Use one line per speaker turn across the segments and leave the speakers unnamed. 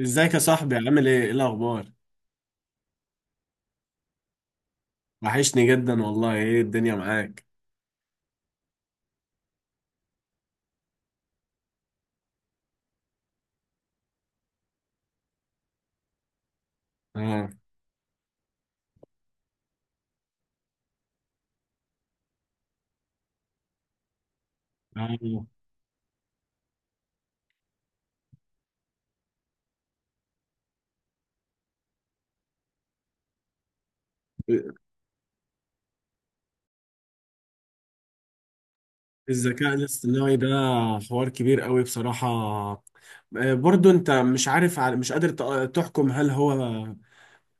ازيك يا صاحبي؟ عامل ايه الاخبار؟ وحشني جدا والله. ايه الدنيا معاك؟ اه آه. الذكاء الاصطناعي ده حوار كبير قوي بصراحة، برضو انت مش عارف مش قادر تحكم هل هو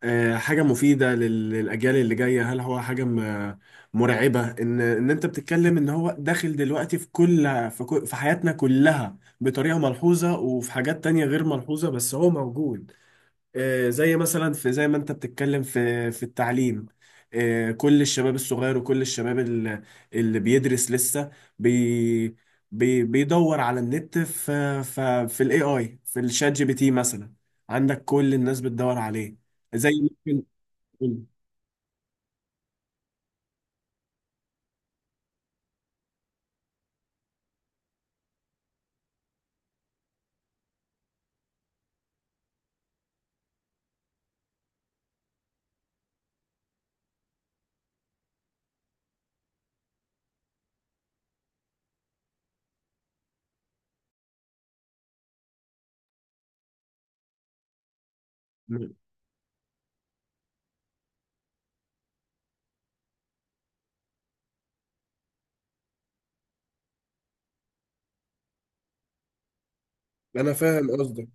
حاجة مفيدة للأجيال اللي جاية، هل هو حاجة مرعبة. ان انت بتتكلم ان هو داخل دلوقتي في كل في حياتنا كلها بطريقة ملحوظة، وفي حاجات تانية غير ملحوظة بس هو موجود. زي مثلا في زي ما انت بتتكلم في التعليم، كل الشباب الصغير وكل الشباب اللي بيدرس لسه بي بي بيدور على النت في الاي اي، في الشات جي بي تي مثلا. عندك كل الناس بتدور عليه زي. ممكن. انا فاهم قصدك.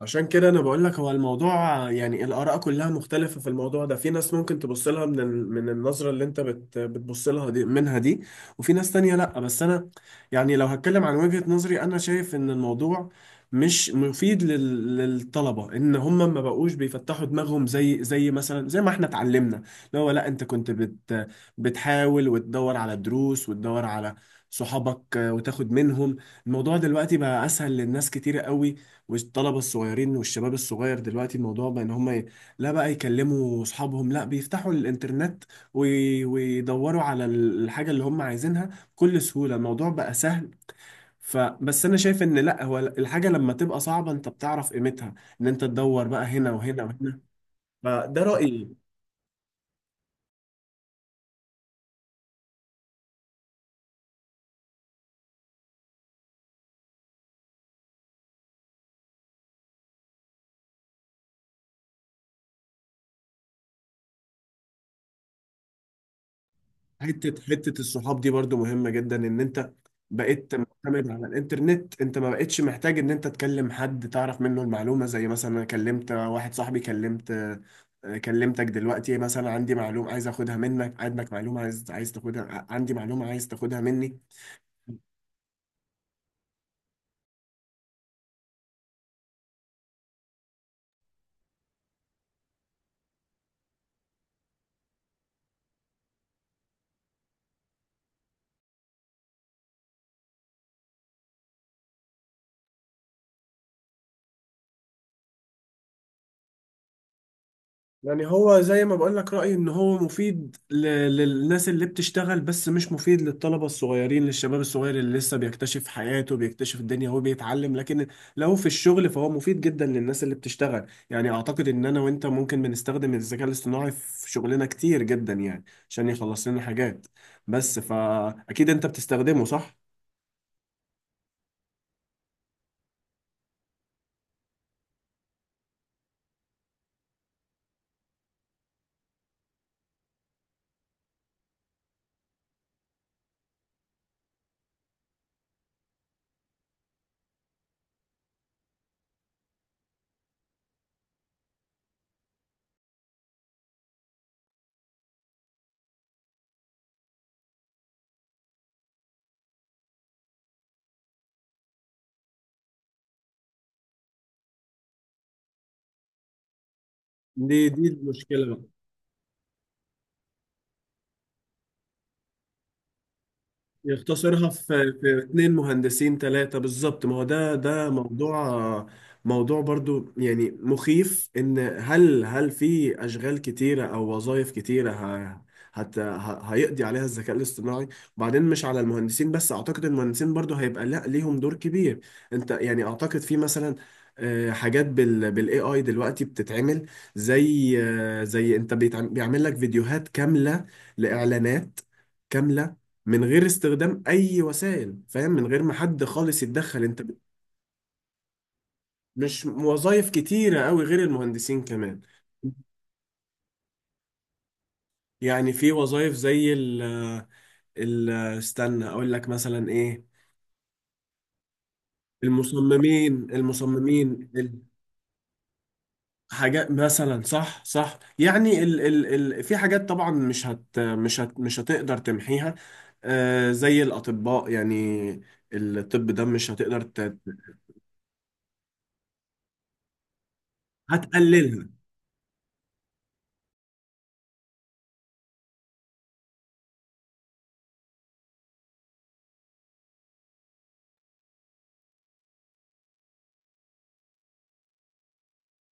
عشان كده انا بقول لك هو الموضوع، يعني الاراء كلها مختلفه في الموضوع ده. في ناس ممكن تبص لها من النظره اللي انت بتبص لها دي، منها دي، وفي ناس تانية لا. بس انا يعني لو هتكلم عن وجهه نظري، انا شايف ان الموضوع مش مفيد للطلبه، ان هم ما بقوش بيفتحوا دماغهم زي زي مثلا زي ما احنا اتعلمنا. اللي هو لا، انت كنت بتحاول وتدور على دروس وتدور على صحابك، وتاخد منهم. الموضوع دلوقتي بقى اسهل للناس كتير قوي. والطلبه الصغيرين والشباب الصغير دلوقتي الموضوع بقى ان هم لا بقى يكلموا اصحابهم، لا بيفتحوا الانترنت ويدوروا على الحاجه اللي هم عايزينها بكل سهوله. الموضوع بقى سهل. فبس انا شايف ان لا، هو الحاجه لما تبقى صعبه انت بتعرف قيمتها، ان انت تدور بقى هنا وهنا وهنا. فده رايي. حتة الصحاب دي برضو مهمة جدا. ان انت بقيت معتمد على الانترنت، انت ما بقتش محتاج ان انت تكلم حد تعرف منه المعلومة. زي مثلا انا كلمت واحد صاحبي، كلمت، كلمتك دلوقتي مثلا، عندي معلومة عايز اخدها منك، عندك معلومة عايز تاخدها، عندي معلومة عايز تاخدها مني. يعني هو زي ما بقول لك، رأيي ان هو مفيد للناس اللي بتشتغل، بس مش مفيد للطلبة الصغيرين، للشباب الصغير اللي لسه بيكتشف حياته، بيكتشف الدنيا، هو بيتعلم. لكن لو في الشغل فهو مفيد جدا للناس اللي بتشتغل. يعني اعتقد ان انا وانت ممكن بنستخدم الذكاء الاصطناعي في شغلنا كتير جدا يعني، عشان يخلص لنا حاجات. بس فاكيد انت بتستخدمه صح؟ دي المشكلة بقى. يختصرها في اتنين مهندسين تلاتة بالظبط. ما هو ده موضوع، موضوع برضو يعني مخيف، ان هل في اشغال كتيرة او وظائف كتيرة هيقضي عليها الذكاء الاصطناعي؟ وبعدين مش على المهندسين بس، اعتقد المهندسين برضو هيبقى لا ليهم دور كبير. انت يعني اعتقد في مثلا حاجات بالاي اي دلوقتي بتتعمل، زي زي انت بيعمل لك فيديوهات كاملة لاعلانات كاملة من غير استخدام اي وسائل، فاهم، من غير ما حد خالص يتدخل. انت مش وظائف كتيرة قوي غير المهندسين كمان. يعني في وظائف زي ال استنى اقول لك مثلا ايه، المصممين الحاجات مثلا. صح يعني ال في حاجات طبعا مش هتقدر تمحيها. آه زي الاطباء يعني، الطب ده مش هتقدر هتقللها.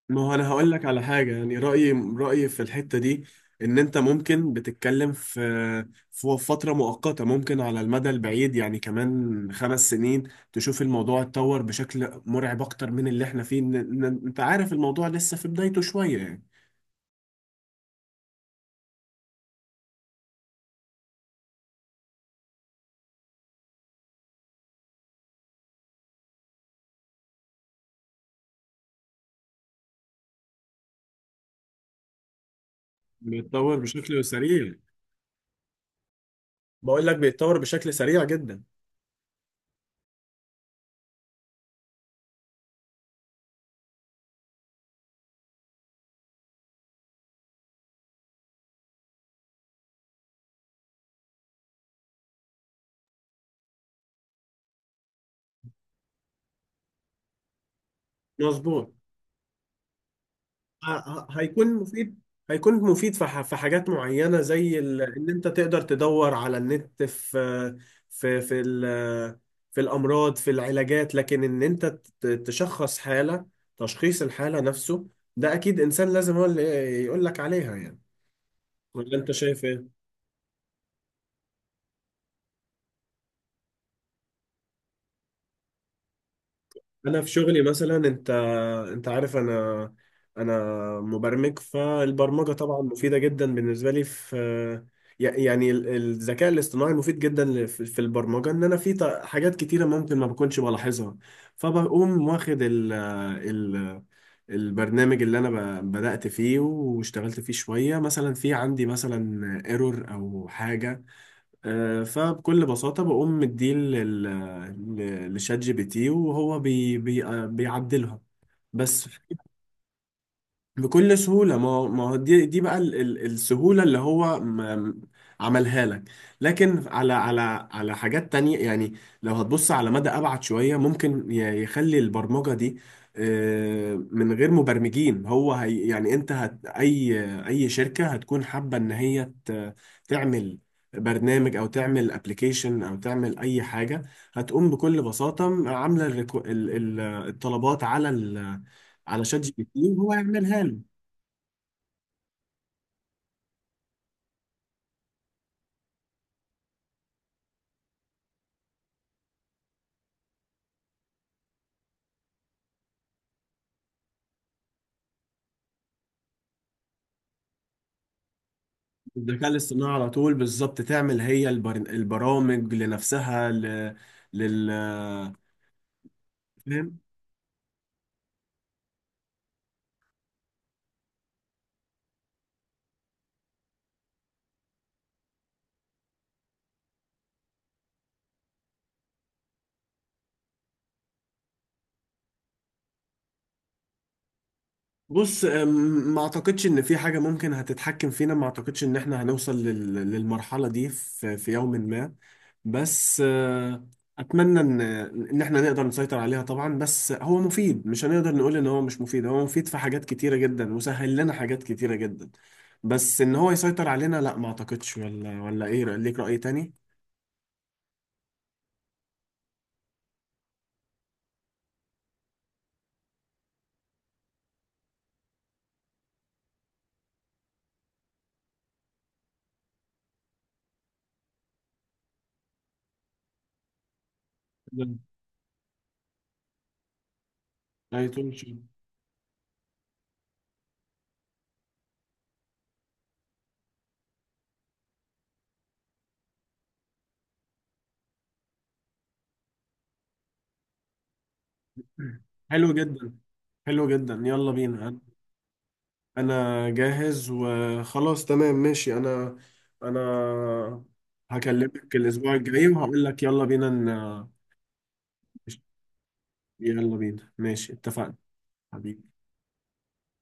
ما هو انا هقول لك على حاجه يعني، رايي في الحته دي، ان انت ممكن بتتكلم في في فتره مؤقته. ممكن على المدى البعيد، يعني كمان 5 سنين، تشوف الموضوع اتطور بشكل مرعب اكتر من اللي احنا فيه. انت عارف الموضوع لسه في بدايته شويه يعني. بيتطور بشكل سريع. بقول لك بيتطور بشكل سريع جدا. مظبوط. هيكون مفيد، هيكون مفيد في في حاجات معينة، زي ان انت تقدر تدور على النت في في في ال- في الامراض، في العلاجات. لكن ان انت تشخص حالة، تشخيص الحالة نفسه ده اكيد انسان لازم هو اللي يقول لك عليها يعني. ولا انت شايف ايه؟ انا في شغلي مثلا، انت عارف انا، انا مبرمج، فالبرمجه طبعا مفيده جدا بالنسبه لي في يعني الذكاء الاصطناعي مفيد جدا في في البرمجه، ان انا في حاجات كتيره ممكن ما بكونش بلاحظها، فبقوم واخد ال البرنامج اللي انا بدأت فيه واشتغلت فيه شويه، مثلا في عندي مثلا ايرور او حاجه، فبكل بساطه بقوم مديه لشات جي بي تي، وهو بي بي آه، بيعدلها بس. بكل سهولة. ما هو دي بقى السهولة اللي هو عملها لك. لكن على على حاجات تانية يعني، لو هتبص على مدى أبعد شوية ممكن يخلي البرمجة دي من غير مبرمجين. هو هي يعني أنت أي أي شركة هتكون حابة إن هي تعمل برنامج أو تعمل أبليكيشن أو تعمل أي حاجة، هتقوم بكل بساطة عاملة ال- الطلبات على على شات جي بي تي وهو يعملها لك. الذكاء الاصطناعي على طول بالظبط، تعمل هي البرامج لنفسها لل… فاهم. بص، ما اعتقدش ان في حاجه ممكن هتتحكم فينا. ما اعتقدش ان احنا هنوصل للمرحله دي في يوم ما. بس اتمنى ان ان احنا نقدر نسيطر عليها طبعا. بس هو مفيد، مش هنقدر نقول ان هو مش مفيد، هو مفيد في حاجات كتيره جدا وسهل لنا حاجات كتيره جدا. بس ان هو يسيطر علينا لا، ما اعتقدش. ولا، ايه، ليك رأي تاني؟ لا. لا، يطول. حلو جدا. حلو جدا، يلا بينا. انا جاهز وخلاص، تمام، ماشي. انا هكلمك الاسبوع الجاي وهقول لك يلا بينا يلا بينا ماشي، اتفقنا. حبيبي.